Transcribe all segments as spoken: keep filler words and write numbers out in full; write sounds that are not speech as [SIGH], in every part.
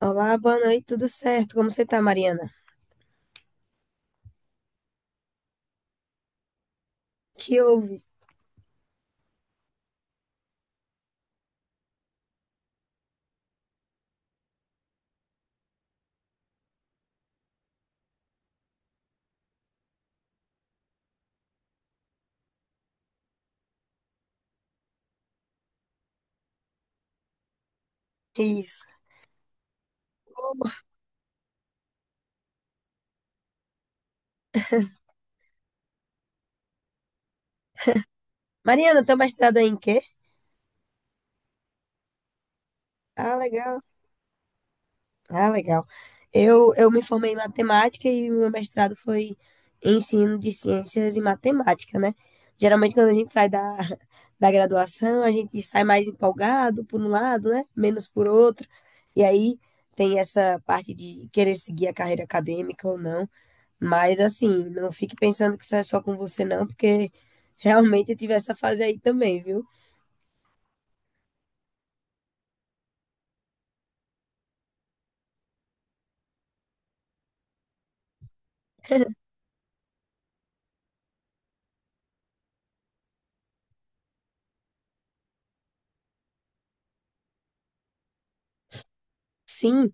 Olá, boa noite, tudo certo? Como você tá, Mariana? Que houve? Isso. Ô, Mariana, teu mestrado é em quê? Ah, legal. Ah, legal. Eu, eu me formei em matemática e meu mestrado foi em ensino de ciências e matemática, né? Geralmente, quando a gente sai da, [LAUGHS] da graduação, a gente sai mais empolgado por um lado, né? Menos por outro. E aí tem essa parte de querer seguir a carreira acadêmica ou não. Mas assim, não fique pensando que isso é só com você, não, porque [LAUGHS] realmente eu tive essa fase aí também, viu? [LAUGHS] Sim,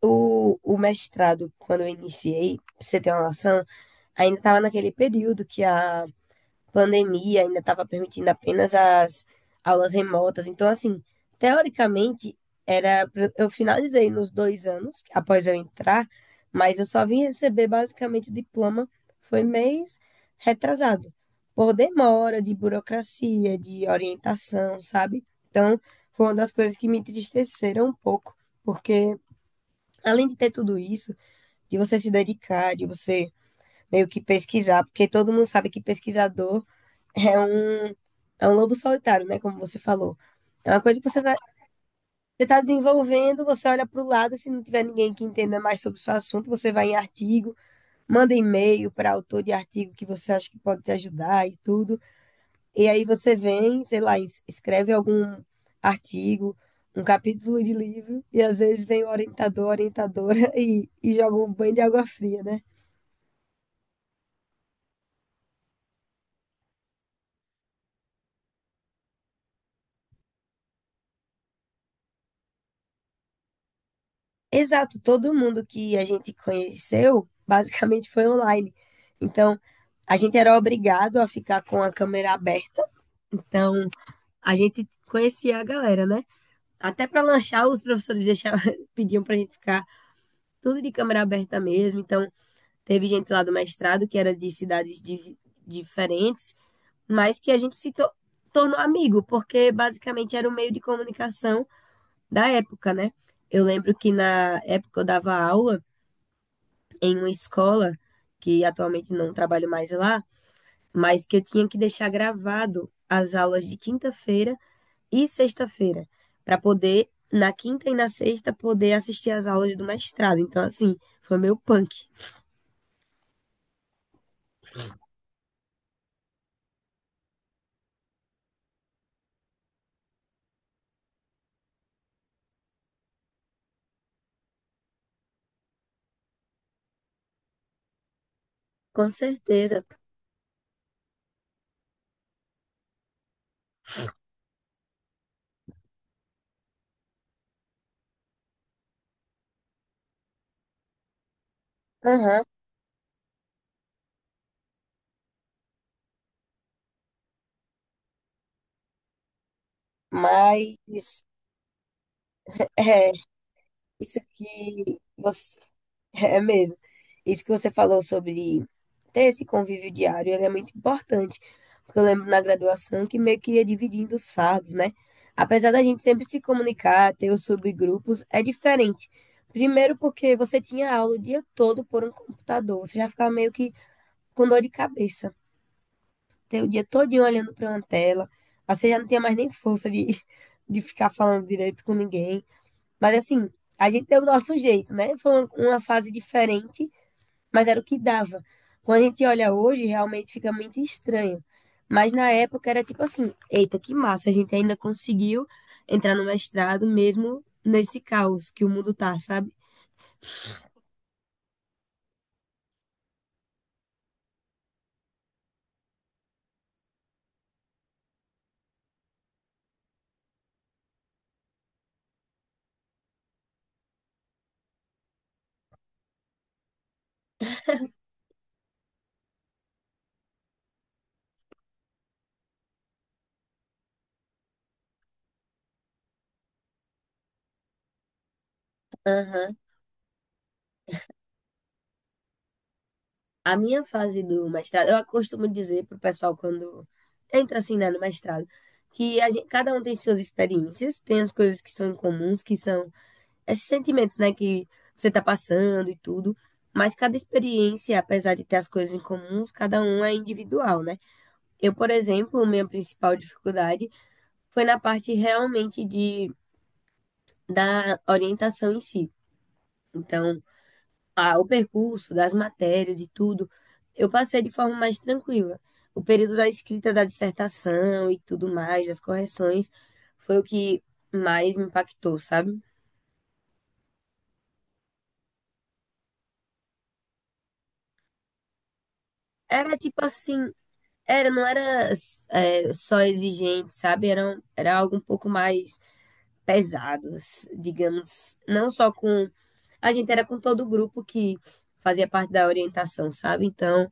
o, o mestrado, quando eu iniciei, pra você ter uma noção, ainda estava naquele período que a pandemia ainda estava permitindo apenas as aulas remotas. Então, assim, teoricamente, era pra- eu finalizei nos dois anos após eu entrar, mas eu só vim receber basicamente o diploma foi mês retrasado, por demora de burocracia, de orientação, sabe? Então, foi uma das coisas que me entristeceram um pouco, porque além de ter tudo isso, de você se dedicar, de você meio que pesquisar, porque todo mundo sabe que pesquisador é um, é um lobo solitário, né? Como você falou. É uma coisa que você tá, você tá desenvolvendo, você olha para o lado, se não tiver ninguém que entenda mais sobre o seu assunto, você vai em artigo, manda e-mail para autor de artigo que você acha que pode te ajudar e tudo. E aí você vem, sei lá, es- escreve algum artigo, um capítulo de livro, e às vezes vem o orientador, orientadora [LAUGHS] e, e joga um banho de água fria, né? Exato, todo mundo que a gente conheceu basicamente foi online. Então, a gente era obrigado a ficar com a câmera aberta. Então, a gente conhecia a galera, né? Até para lanchar, os professores deixavam, [LAUGHS] pediam para a gente ficar tudo de câmera aberta mesmo. Então, teve gente lá do mestrado que era de cidades di- diferentes, mas que a gente se to- tornou amigo, porque basicamente era o meio de comunicação da época, né? Eu lembro que na época eu dava aula em uma escola, que atualmente não trabalho mais lá, mas que eu tinha que deixar gravado as aulas de quinta-feira e sexta-feira, para poder, na quinta e na sexta, poder assistir as aulas do mestrado. Então, assim, foi meu punk. Com certeza. Aham. Mas é, isso que você, [LAUGHS] É mesmo. Isso que você falou sobre ter esse convívio diário, ele é muito importante. Porque eu lembro na graduação que meio que ia dividindo os fardos, né? Apesar da gente sempre se comunicar, ter os subgrupos, é diferente. Primeiro porque você tinha aula o dia todo por um computador, você já ficava meio que com dor de cabeça. Ter o dia todinho olhando para uma tela, aí você já não tinha mais nem força de, [LAUGHS] de ficar falando direito com ninguém. Mas assim, a gente deu o nosso jeito, né? Foi uma uma fase diferente, mas era o que dava. Quando a gente olha hoje, realmente fica muito estranho. Mas na época era tipo assim, eita, que massa, a gente ainda conseguiu entrar no mestrado mesmo nesse caos que o mundo tá, sabe? Aham. A minha fase do mestrado, eu costumo dizer pro pessoal quando entra assim, né, no mestrado, que a gente, cada um tem suas experiências, tem as coisas que são comuns, que são esses sentimentos, né, que você tá passando e tudo. Mas cada experiência, apesar de ter as coisas em comum, cada um é individual, né? Eu, por exemplo, minha principal dificuldade foi na parte realmente de da orientação em si. Então, a, o percurso das matérias e tudo, eu passei de forma mais tranquila. O período da escrita da dissertação e tudo mais, das correções, foi o que mais me impactou, sabe? Era tipo assim, era, não era, é, só exigente, sabe? Era, um, era algo um pouco mais pesado, s- digamos. Não só com. A gente era com todo o grupo que fazia parte da orientação, sabe? Então,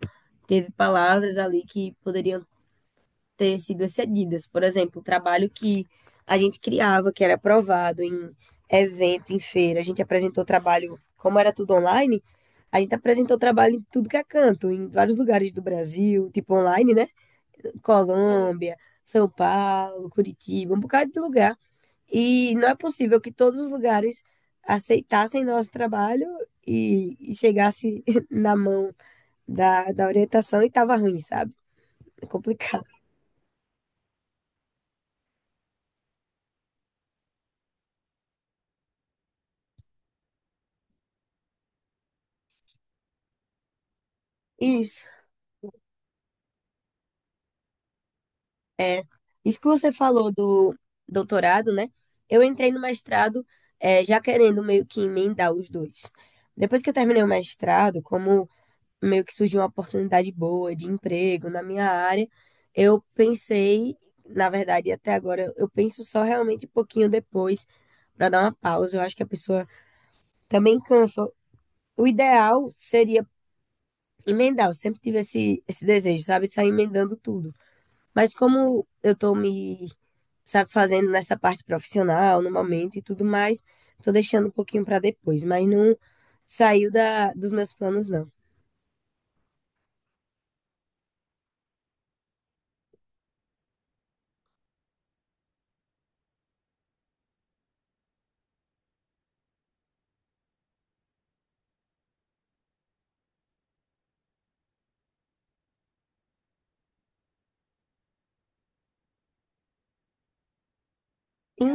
teve palavras ali que poderiam ter sido excedidas. Por exemplo, o trabalho que a gente criava, que era aprovado em evento, em feira. A gente apresentou trabalho, como era tudo online, a gente apresentou trabalho em tudo que é canto, em vários lugares do Brasil, tipo online, né? Colômbia, São Paulo, Curitiba, um bocado de lugar. E não é possível que todos os lugares aceitassem nosso trabalho e, e chegasse [LAUGHS] na mão da, da orientação e tava ruim, sabe? É complicado. Isso. Isso que você falou do doutorado, né? Eu entrei no mestrado, eh, já querendo meio que emendar os dois. Depois que eu terminei o mestrado, como meio que surgiu uma oportunidade boa de emprego na minha área, eu pensei, na verdade, até agora, eu penso só realmente um pouquinho depois para dar uma pausa. Eu acho que a pessoa também cansa. O ideal seria emendar. Eu sempre tive esse, esse desejo, sabe? Sair emendando tudo. Mas como eu tô me satisfazendo nessa parte profissional, no momento e tudo mais, tô deixando um pouquinho para depois. Mas não saiu da, dos meus planos, não. Em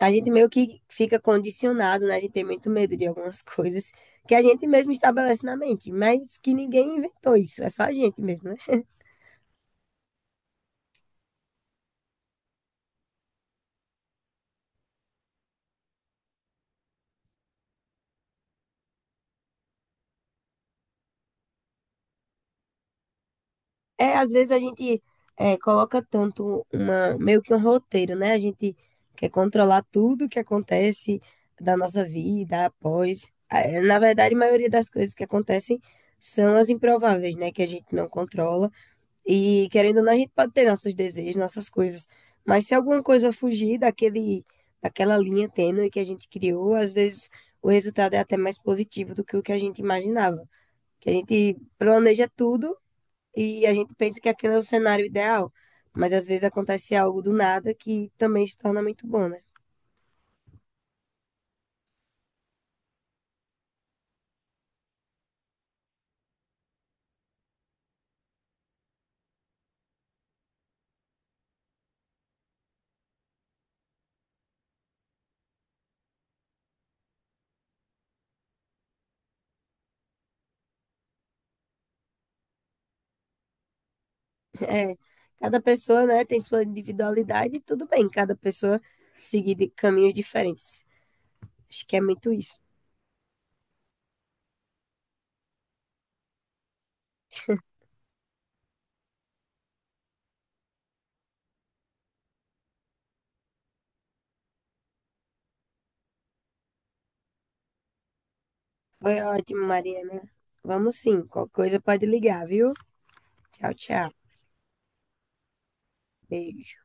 A gente meio que fica condicionado, né? A gente tem muito medo de algumas coisas que a gente mesmo estabelece na mente, mas que ninguém inventou isso, é só a gente mesmo, né? É, às vezes a gente é, coloca tanto uma, meio que um roteiro, né? A gente quer controlar tudo que acontece da nossa vida após. É, na verdade, a maioria das coisas que acontecem são as improváveis, né? Que a gente não controla. E querendo ou não, a gente pode ter nossos desejos, nossas coisas. Mas se alguma coisa fugir daquele, daquela linha tênue que a gente criou, às vezes o resultado é até mais positivo do que o que a gente imaginava. Que a gente planeja tudo e a gente pensa que aquele é o cenário ideal. Mas às vezes acontece algo do nada que também se torna muito bom, né? [LAUGHS] É, cada pessoa, né, tem sua individualidade e tudo bem, cada pessoa seguir de caminhos diferentes. Acho que é muito isso. Foi ótimo, Mariana. Vamos sim, qualquer coisa pode ligar, viu? Tchau, tchau. Beijo.